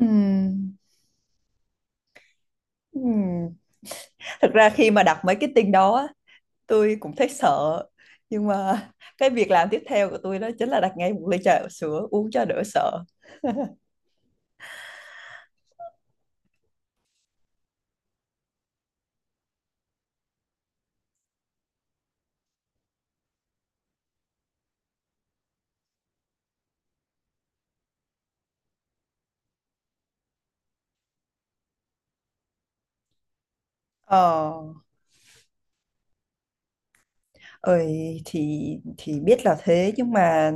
Ừm, ừm. Thực ra khi mà đặt mấy cái tin đó á, tôi cũng thấy sợ nhưng mà cái việc làm tiếp theo của tôi đó chính là đặt ngay một ly trà sữa uống cho đỡ sợ. Ờ Ơi thì biết là thế, nhưng mà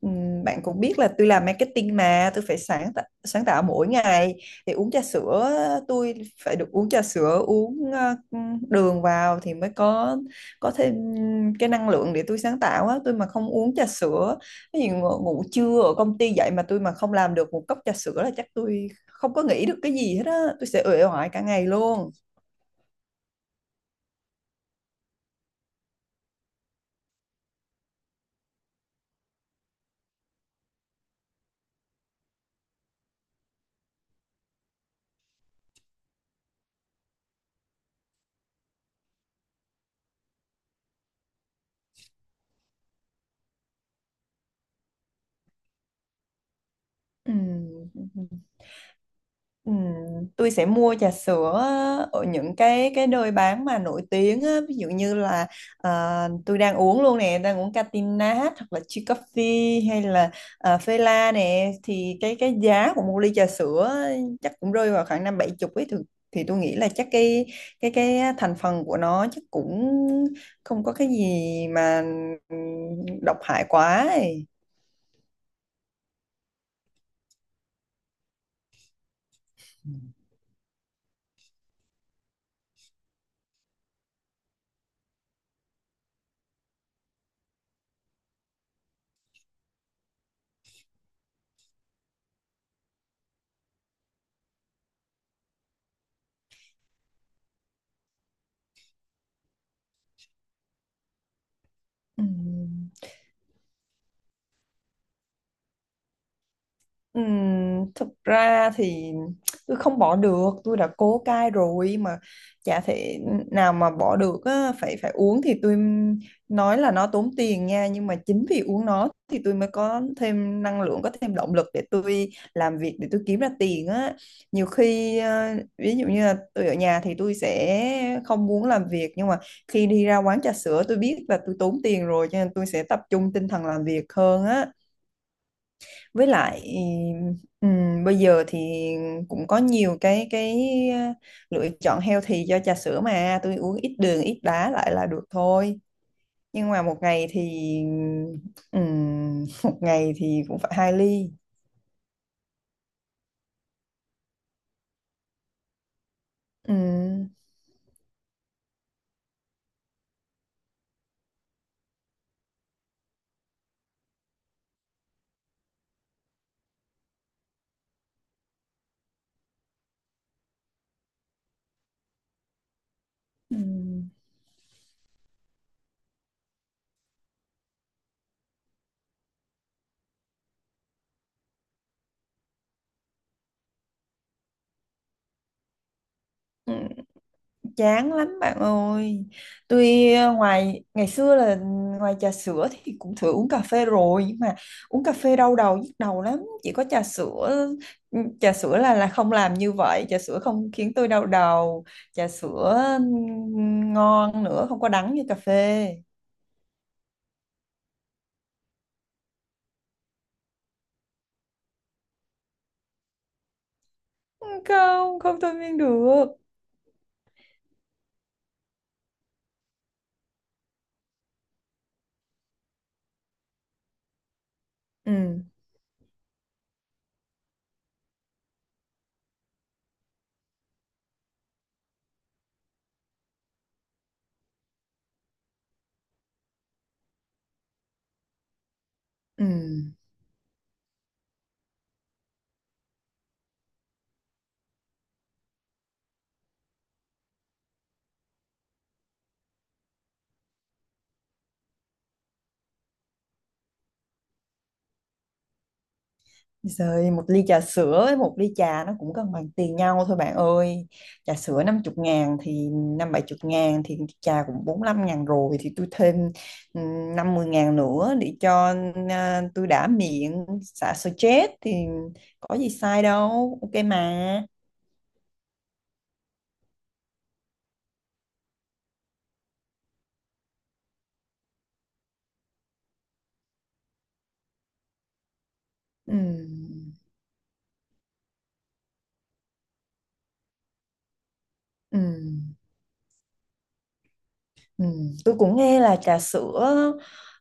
bạn cũng biết là tôi làm marketing mà tôi phải sáng tạo mỗi ngày. Thì uống trà sữa, tôi phải được uống trà sữa, uống đường vào thì mới có thêm cái năng lượng để tôi sáng tạo á. Tôi mà không uống trà sữa cái gì, ngủ trưa ở công ty dậy mà tôi mà không làm được một cốc trà sữa là chắc tôi không có nghĩ được cái gì hết á, tôi sẽ uể oải cả ngày luôn. Ừm, Ừm, tôi sẽ mua trà sữa ở những cái nơi bán mà nổi tiếng á, ví dụ như là à, tôi đang uống luôn nè, đang uống Catinat hoặc là Chi Coffee hay là à, Fela nè. Thì cái giá của một ly trà sữa á, chắc cũng rơi vào khoảng năm bảy chục ấy, thì tôi nghĩ là chắc cái thành phần của nó chắc cũng không có cái gì mà ừm, độc hại quá ấy. Ừm. Thực ra thì tôi không bỏ được, tôi đã cố cai rồi mà chả thể nào mà bỏ được á, phải phải uống. Thì tôi nói là nó tốn tiền nha, nhưng mà chính vì uống nó thì tôi mới có thêm năng lượng, có thêm động lực để tôi làm việc, để tôi kiếm ra tiền á. Nhiều khi ví dụ như là tôi ở nhà thì tôi sẽ không muốn làm việc, nhưng mà khi đi ra quán trà sữa tôi biết là tôi tốn tiền rồi cho nên tôi sẽ tập trung tinh thần làm việc hơn á. Với lại bây giờ thì cũng có nhiều cái ờ, lựa chọn healthy cho trà sữa, mà tôi uống ít đường ít đá lại là được thôi. Nhưng mà một ngày thì một ngày thì cũng phải hai ly. Ừm, ừm, Chán lắm bạn ơi. Tuy ngoài ngày xưa là ngoài trà sữa thì cũng thử uống cà phê rồi, nhưng mà uống cà phê đau đầu nhức đầu lắm. Chỉ có trà sữa, ừ, trà sữa là không làm như vậy, trà sữa không khiến tôi đau đầu, trà sữa ngon nữa, không có đắng như cà phê. Không, không thôi miên được. Ừ, ừ. Rồi một ly trà sữa với một ly trà nó cũng cân bằng tiền nhau thôi bạn ơi. Trà sữa 50 ngàn thì năm bảy chục ngàn, thì trà cũng 45 ngàn rồi, thì tôi thêm ừ, 50 ngàn nữa để cho à, tôi đã miệng xả stress thì có gì sai đâu, ok mà. Ừ. Ừ. Ừ. Tôi cũng nghe là trà sữa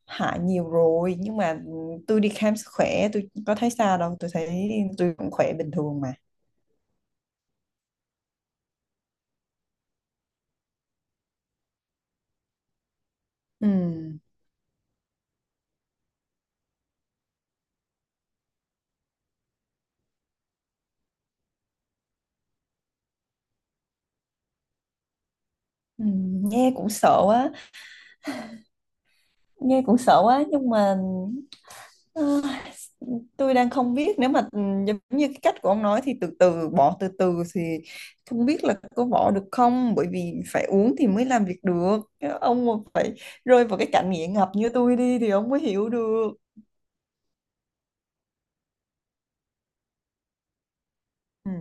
hại nhiều rồi, nhưng mà tôi đi khám sức khỏe tôi có thấy sao đâu, tôi thấy tôi cũng khỏe bình thường mà. Ừ. Ừ, nghe cũng sợ quá, nghe cũng sợ quá, nhưng mà ờ, tôi đang không biết nếu mà giống như cái cách của ông nói thì từ từ bỏ từ từ thì không biết là có bỏ được không, bởi vì phải uống thì mới làm việc được. Nếu ông mà phải rơi vào cái cảnh nghiện ngập như tôi đi thì ông mới hiểu được. Ừ.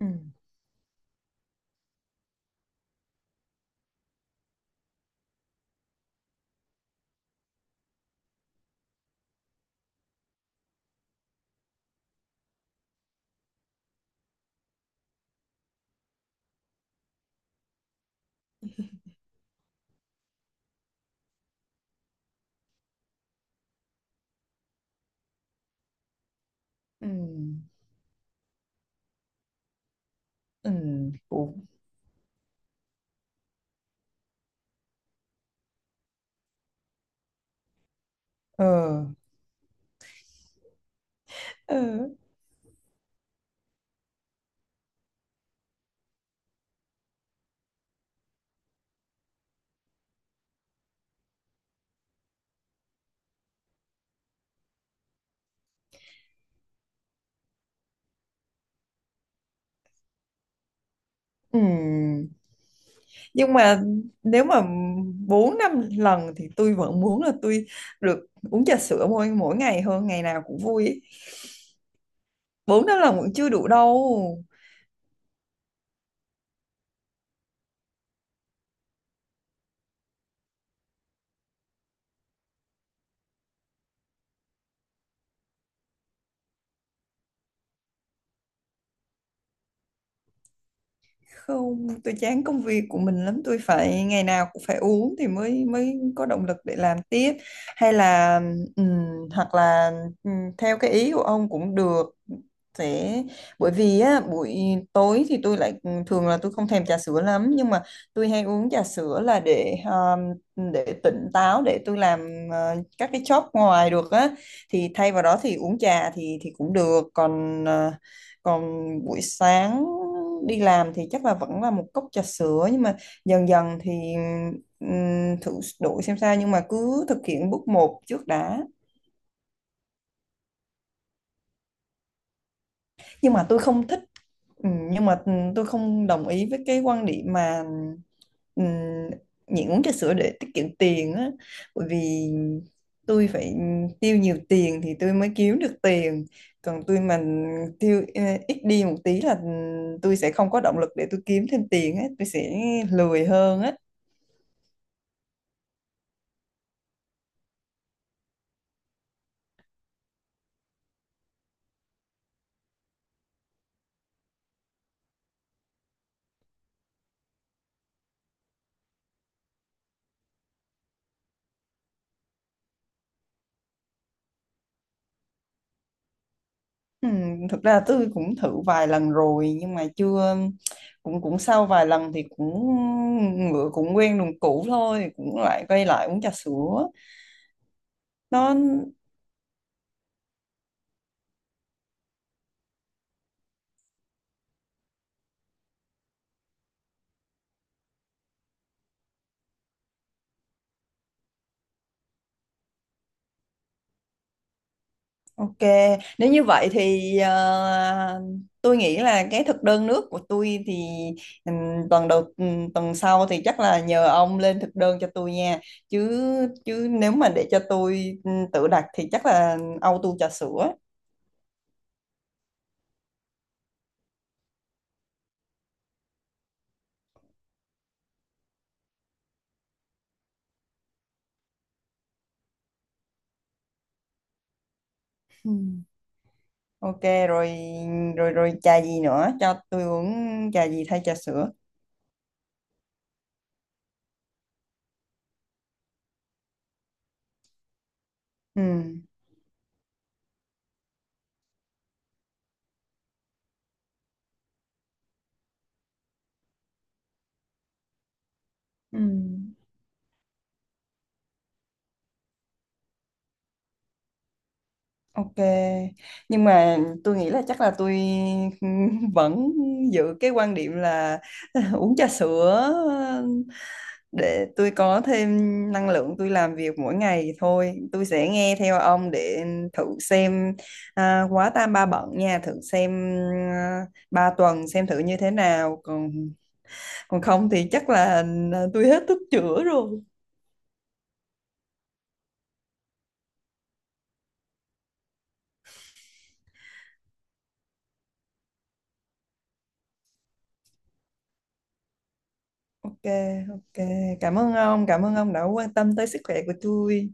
Ừ. Ừ. Ừ. Cũng ờ. Ừ. Ừ. Nhưng mà nếu mà 4 năm lần thì tôi vẫn muốn là tôi được uống trà sữa mỗi mỗi ngày hơn, ngày nào cũng vui ấy. 4 năm lần vẫn chưa đủ đâu. Không, tôi chán công việc của mình lắm, tôi phải ngày nào cũng phải uống thì mới mới có động lực để làm tiếp. Hay là ừm, hoặc là theo cái ý của ông cũng được. Sẽ bởi vì á buổi tối thì tôi lại thường là tôi không thèm trà sữa lắm, nhưng mà tôi hay uống trà sữa là để tỉnh táo để tôi làm các cái job ngoài được á. Thì thay vào đó thì uống trà thì cũng được, còn còn buổi sáng đi làm thì chắc là vẫn là một cốc trà sữa, nhưng mà dần dần thì thử đổi xem sao, nhưng mà cứ thực hiện bước một trước đã. Nhưng mà tôi không thích, nhưng mà tôi không đồng ý với cái quan điểm mà ừ, nhịn uống trà sữa để tiết kiệm tiền á, bởi vì tôi phải tiêu nhiều tiền thì tôi mới kiếm được tiền. Còn tôi mà tiêu ít đi một tí là tôi sẽ không có động lực để tôi kiếm thêm tiền á, tôi sẽ lười hơn á. Ừ, thực ra tôi cũng thử vài lần rồi nhưng mà chưa, cũng cũng sau vài lần thì cũng ngựa cũng quen đường cũ thôi, cũng lại quay lại uống trà sữa nó. Ok, nếu như vậy thì tôi nghĩ là cái thực đơn nước của tôi thì tuần đầu tuần sau thì chắc là nhờ ông lên thực đơn cho tôi nha. Chứ chứ nếu mà để cho tôi tự đặt thì chắc là auto trà sữa. Ừ. Ok, rồi rồi rồi trà gì nữa cho tôi uống, trà gì thay trà sữa. Ừ. Ừ. Ok, nhưng mà tôi nghĩ là chắc là tôi vẫn giữ cái quan điểm là uống trà sữa để tôi có thêm năng lượng tôi làm việc mỗi ngày thôi. Tôi sẽ nghe theo ông để thử xem, à, quá tam ba bận nha, thử xem à, ba tuần xem thử như thế nào. Còn còn không thì chắc là à, tôi hết thuốc chữa rồi. Ok. Ok, cảm ơn ông, cảm ơn ông đã quan tâm tới sức khỏe của tôi.